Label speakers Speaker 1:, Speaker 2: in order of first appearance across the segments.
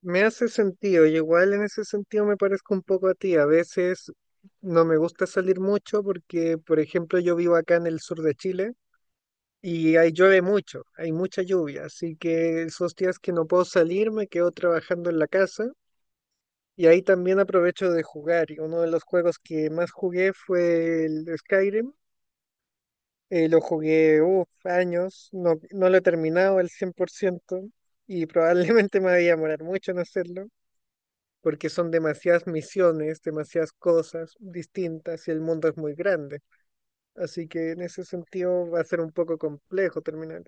Speaker 1: Me hace sentido, y igual en ese sentido me parezco un poco a ti. A veces no me gusta salir mucho porque, por ejemplo, yo vivo acá en el sur de Chile y ahí llueve mucho, hay mucha lluvia, así que esos días que no puedo salir me quedo trabajando en la casa y ahí también aprovecho de jugar. Y uno de los juegos que más jugué fue el Skyrim, lo jugué uf, años, no lo he terminado al 100% y probablemente me voy a demorar mucho en hacerlo porque son demasiadas misiones, demasiadas cosas distintas y el mundo es muy grande. Así que en ese sentido va a ser un poco complejo terminar.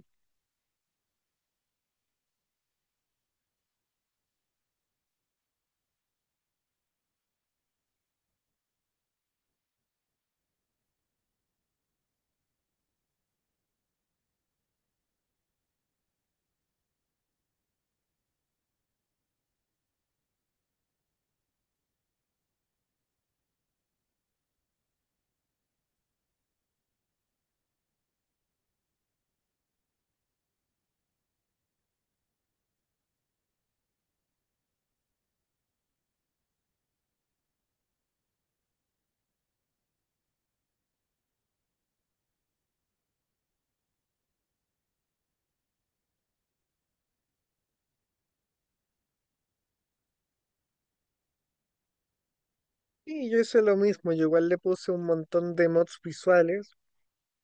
Speaker 1: Y yo hice lo mismo, yo igual le puse un montón de mods visuales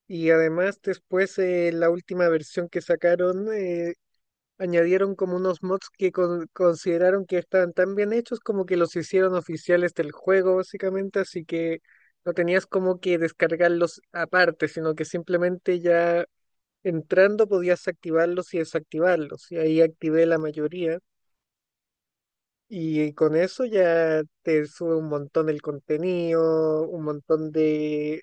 Speaker 1: y además después la última versión que sacaron añadieron como unos mods que consideraron que estaban tan bien hechos como que los hicieron oficiales del juego básicamente, así que no tenías como que descargarlos aparte, sino que simplemente ya entrando podías activarlos y desactivarlos, y ahí activé la mayoría. Y con eso ya te sube un montón el contenido, un montón de,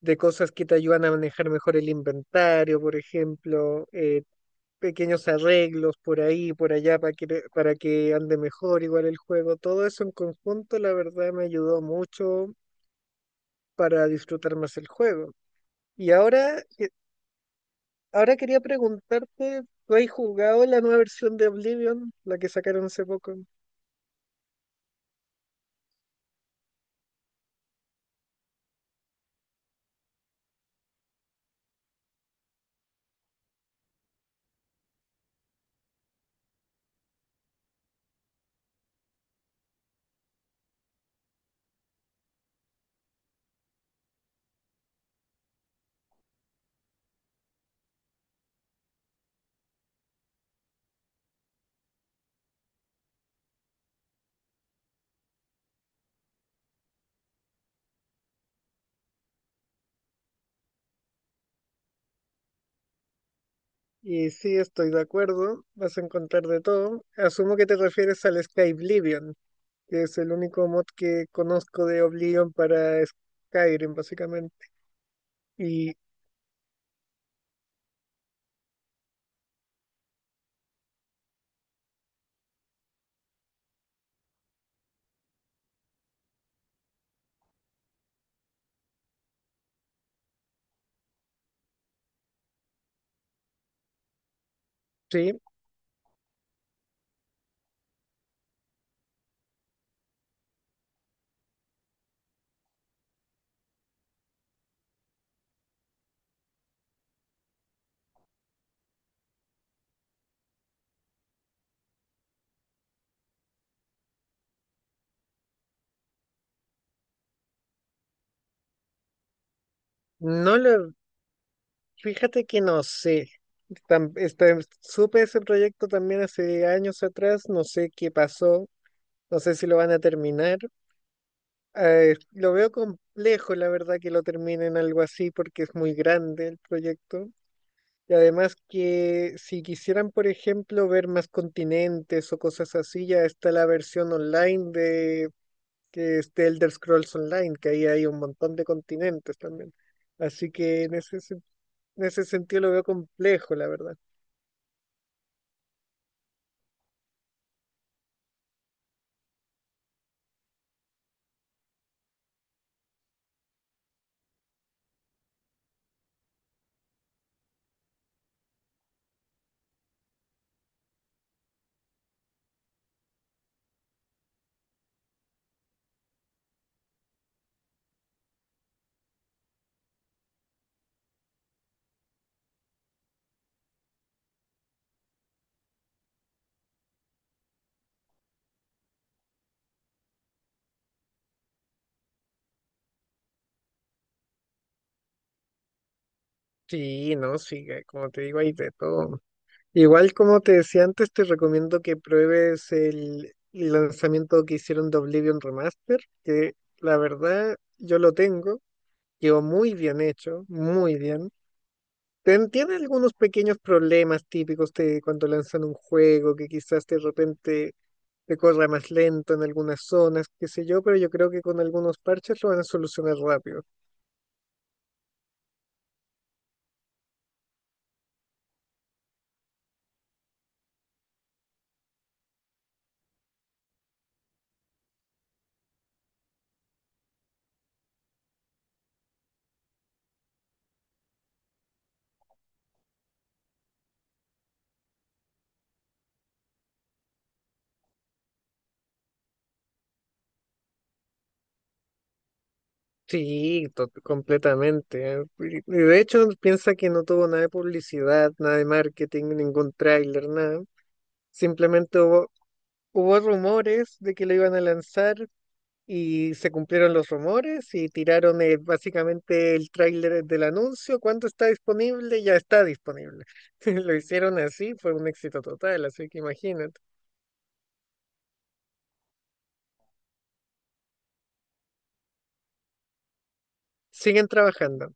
Speaker 1: de cosas que te ayudan a manejar mejor el inventario, por ejemplo, pequeños arreglos por ahí, por allá, para que ande mejor igual el juego. Todo eso en conjunto, la verdad, me ayudó mucho para disfrutar más el juego. Y ahora, Ahora quería preguntarte, ¿tú has jugado la nueva versión de Oblivion, la que sacaron hace poco? Y sí, estoy de acuerdo, vas a encontrar de todo. Asumio que te refieres al Skyblivion, que es el único mod que conozco de Oblivion para Skyrim, básicamente. Y sí, no lo, fíjate que no sé. Supe ese proyecto también hace años atrás, no sé qué pasó, no sé si lo van a terminar. Lo veo complejo, la verdad, que lo terminen algo así porque es muy grande el proyecto. Y además que si quisieran, por ejemplo, ver más continentes o cosas así, ya está la versión online de que es de Elder Scrolls Online, que ahí hay un montón de continentes también. Así que en en ese sentido lo veo complejo, la verdad. Sí, no, sí, como te digo, hay de todo. Igual como te decía antes, te recomiendo que pruebes el lanzamiento que hicieron de Oblivion Remaster, que la verdad yo lo tengo, quedó muy bien hecho, muy bien. Tiene algunos pequeños problemas típicos de cuando lanzan un juego, que quizás de repente te corra más lento en algunas zonas, qué sé yo, pero yo creo que con algunos parches lo van a solucionar rápido. Sí, completamente, ¿eh? Y de hecho, piensa que no tuvo nada de publicidad, nada de marketing, ningún tráiler, nada. Simplemente hubo rumores de que lo iban a lanzar y se cumplieron los rumores y tiraron básicamente el tráiler del anuncio. ¿Cuándo está disponible? Ya está disponible. Lo hicieron así, fue un éxito total, así que imagínate. Siguen trabajando.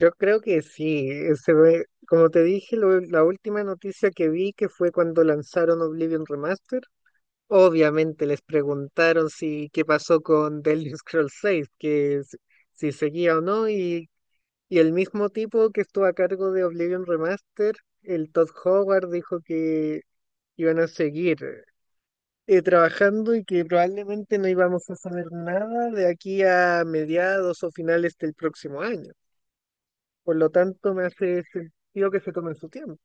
Speaker 1: Yo creo que sí, se ve, como te dije, la última noticia que vi que fue cuando lanzaron Oblivion Remaster, obviamente les preguntaron si qué pasó con The Elder Scrolls 6, si seguía o no, y el mismo tipo que estuvo a cargo de Oblivion Remaster, el Todd Howard, dijo que iban a seguir trabajando y que probablemente no íbamos a saber nada de aquí a mediados o finales del próximo año. Por lo tanto, me hace sentido que se tomen su tiempo.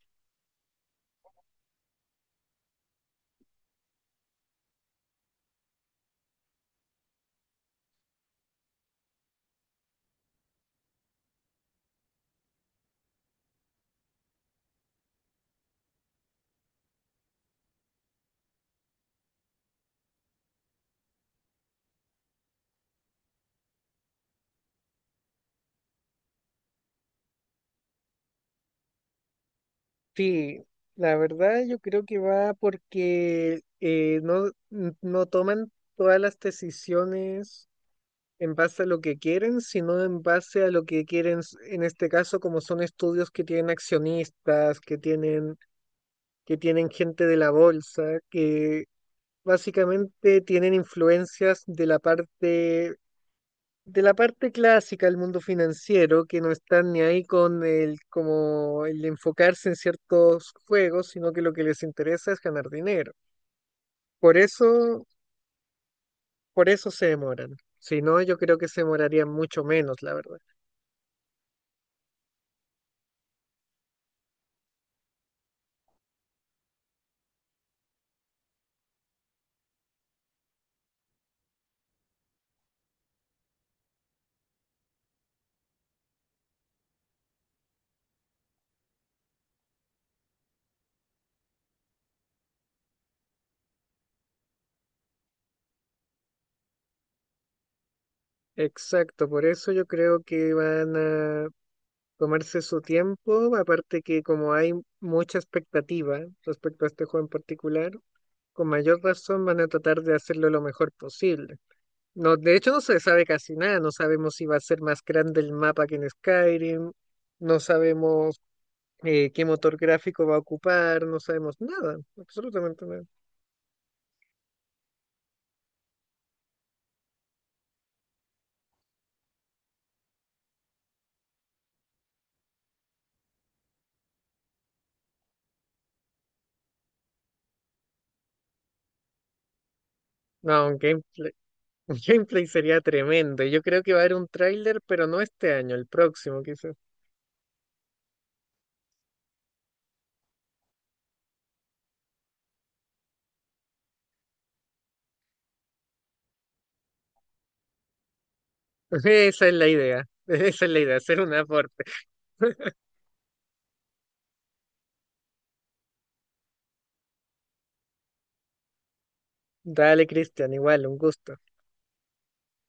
Speaker 1: Sí, la verdad yo creo que va porque no toman todas las decisiones en base a lo que quieren, sino en base a lo que quieren, en este caso, como son estudios que tienen accionistas, que tienen gente de la bolsa, que básicamente tienen influencias de la parte clásica del mundo financiero, que no están ni ahí con el, como el enfocarse en ciertos juegos, sino que lo que les interesa es ganar dinero. Por eso, por eso se demoran. Si no, yo creo que se demorarían mucho menos, la verdad. Exacto, por eso yo creo que van a tomarse su tiempo, aparte que como hay mucha expectativa respecto a este juego en particular, con mayor razón van a tratar de hacerlo lo mejor posible. No, de hecho no se sabe casi nada, no sabemos si va a ser más grande el mapa que en Skyrim, no sabemos qué motor gráfico va a ocupar, no sabemos nada, absolutamente nada. No, un gameplay, un gameplay sería tremendo. Yo creo que va a haber un tráiler, pero no este año, el próximo quizás. Esa es la idea, esa es la idea, hacer un aporte. Dale, Cristian, igual, un gusto.